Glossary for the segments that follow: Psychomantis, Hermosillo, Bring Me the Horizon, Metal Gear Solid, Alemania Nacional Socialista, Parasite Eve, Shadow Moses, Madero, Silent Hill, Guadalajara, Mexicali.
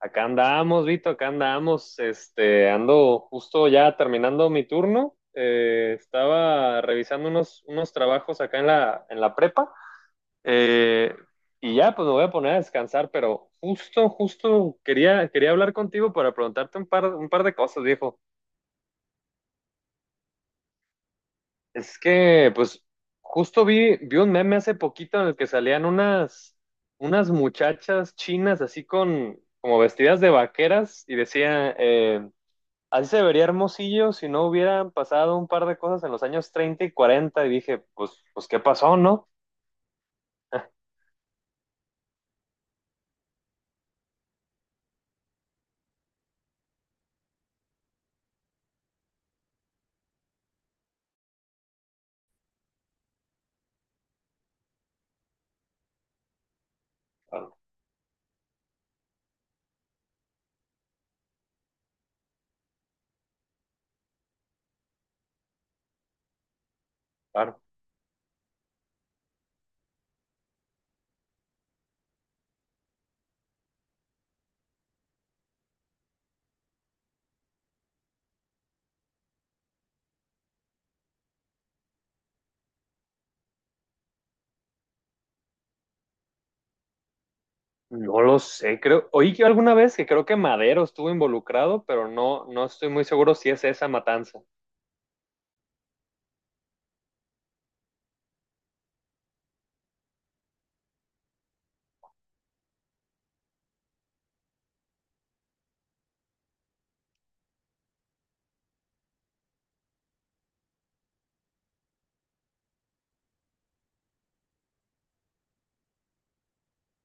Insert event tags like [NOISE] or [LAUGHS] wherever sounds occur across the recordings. Acá andamos, Vito, acá andamos. Ando justo ya terminando mi turno. Estaba revisando unos trabajos acá en en la prepa. Eh, y ya, pues me voy a poner a descansar, pero justo quería hablar contigo para preguntarte un un par de cosas, viejo. Es que, pues, justo vi un meme hace poquito en el que salían unas muchachas chinas así con, como vestidas de vaqueras y decía... así se vería Hermosillo si no hubieran pasado un par de cosas en los años 30 y 40, y dije, pues, pues ¿qué pasó, no? [LAUGHS] Ah. Claro, claro. No lo sé, creo, oí que alguna vez que creo que Madero estuvo involucrado, pero no, no estoy muy seguro si es esa matanza.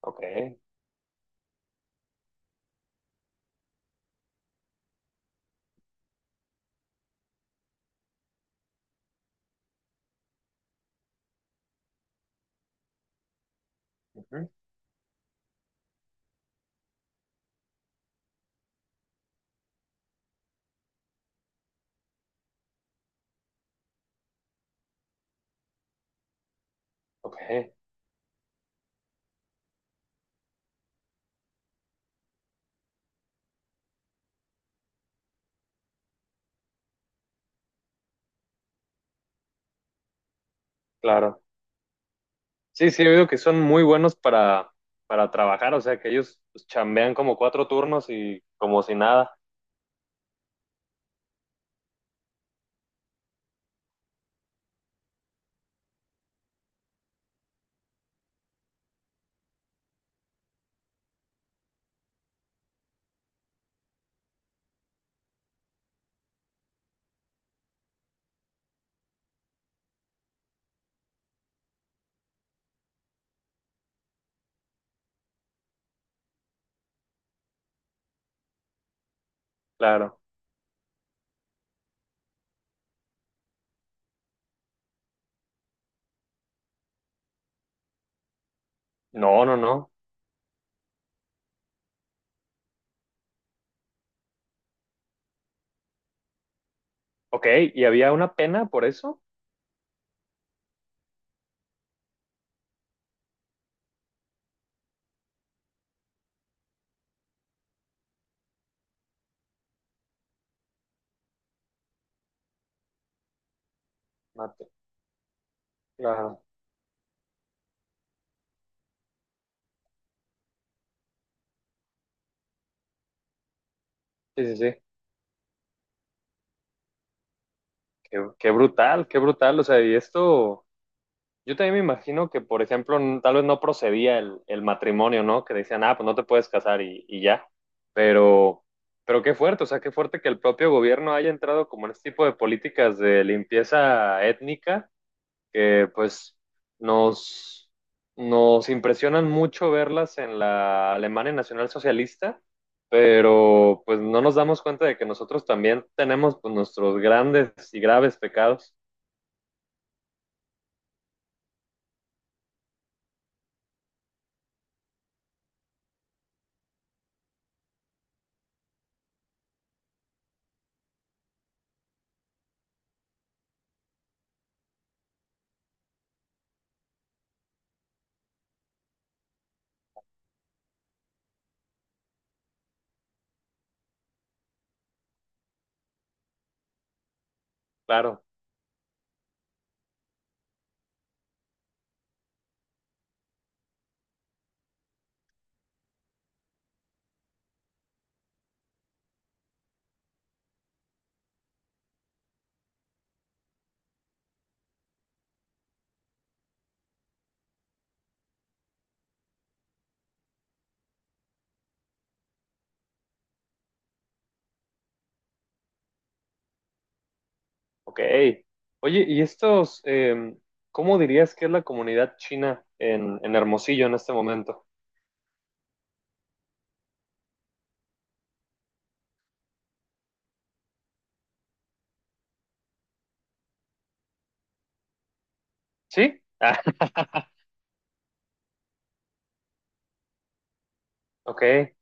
Ok, ujú, ok, claro. Sí, sí, he oído que son muy buenos para trabajar, o sea, que ellos pues chambean como cuatro turnos y como si nada, claro. No, no, no. Ok, ¿y había una pena por eso? Mate. Claro, sí, sí, sí. Qué, qué brutal, qué brutal. O sea, y esto, yo también me imagino que, por ejemplo, tal vez no procedía el matrimonio, ¿no? Que decían, ah, pues no te puedes casar y ya. Pero, pero qué fuerte, o sea, qué fuerte que el propio gobierno haya entrado como en este tipo de políticas de limpieza étnica, que pues nos, nos impresionan mucho verlas en la Alemania Nacional Socialista, pero pues no nos damos cuenta de que nosotros también tenemos, pues, nuestros grandes y graves pecados. Claro, ok. Oye, ¿y estos, cómo dirías que es la comunidad china en Hermosillo en este momento? ¿Sí? Ah. [LAUGHS] ok,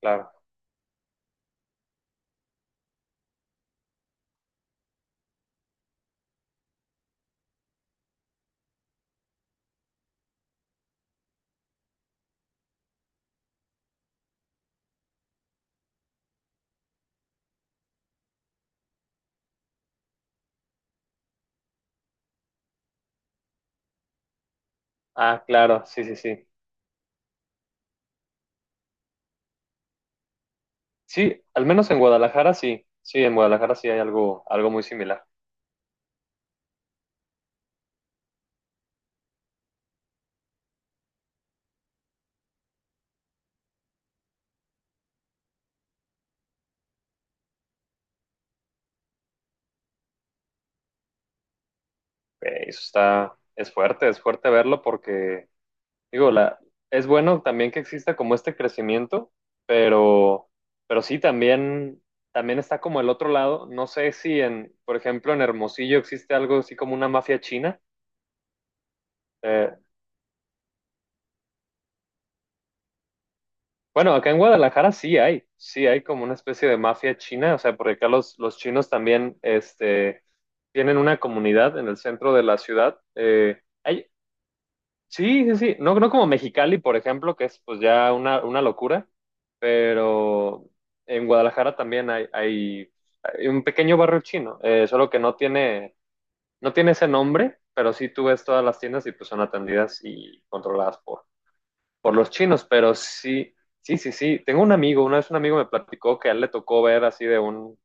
claro. Ah, claro, sí, sí, sí. Sí, al menos en Guadalajara sí. Sí, en Guadalajara sí hay algo, algo muy similar. Ok, eso está, es fuerte verlo porque digo, la, es bueno también que exista como este crecimiento, pero, pero sí, también, también está como el otro lado. No sé si en, por ejemplo, en Hermosillo existe algo así como una mafia china. Eh, bueno, acá en Guadalajara sí hay como una especie de mafia china, o sea, porque acá los chinos también tienen una comunidad en el centro de la ciudad. Hay... Sí, sí, sí. No, no como Mexicali, por ejemplo, que es pues ya una locura, pero en Guadalajara también hay un pequeño barrio chino, solo que no tiene, no tiene ese nombre, pero sí, tú ves todas las tiendas y pues son atendidas y controladas por los chinos, pero sí, sí, sí, sí. Tengo un amigo, una vez un amigo me platicó que a él le tocó ver así de un...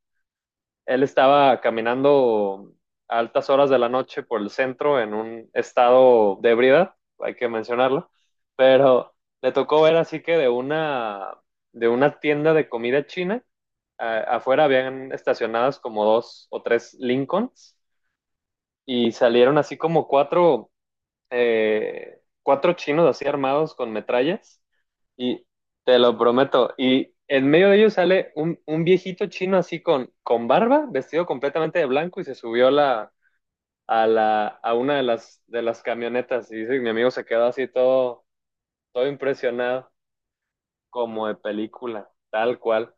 él estaba caminando a altas horas de la noche por el centro en un estado de ebriedad, hay que mencionarlo, pero le tocó ver así que de una tienda de comida china, afuera habían estacionadas como dos o tres Lincolns y salieron así como cuatro, cuatro chinos así armados con metrallas, y te lo prometo. Y en medio de ellos sale un viejito chino así con barba, vestido completamente de blanco y se subió a a la, a una de de las camionetas. Y dice que mi amigo se quedó así todo, todo impresionado, como de película, tal cual.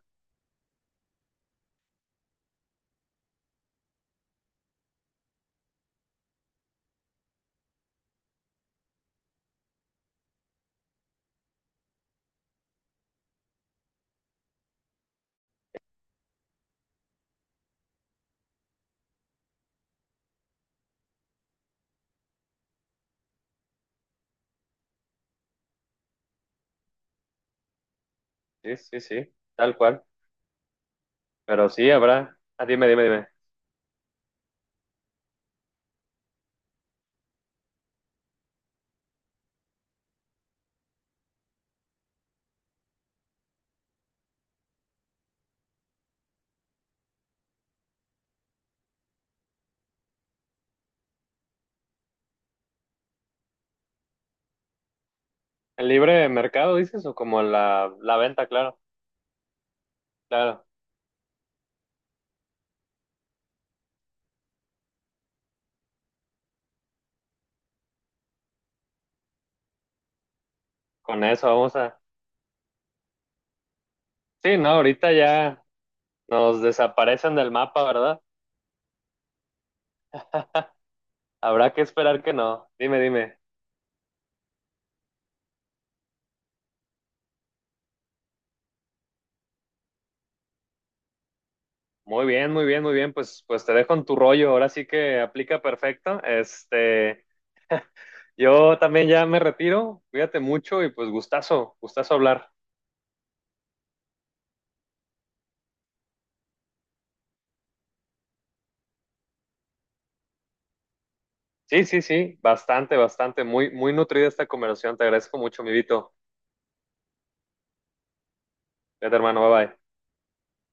Sí, sí, sí, tal cual. Pero sí habrá. Ah, dime, dime, dime. ¿El libre mercado dices o como la venta? Claro, claro. Con eso vamos a... Sí, no, ahorita ya nos desaparecen del mapa, ¿verdad? Habrá que esperar que no. Dime, dime. Muy bien, muy bien, muy bien. Pues, pues te dejo en tu rollo. Ahora sí que aplica perfecto. Yo también ya me retiro. Cuídate mucho y pues gustazo, gustazo hablar. Sí, sí, sí. Bastante, bastante. Muy, muy nutrida esta conversación. Te agradezco mucho, mi Vito. Cuídate, hermano. Bye bye.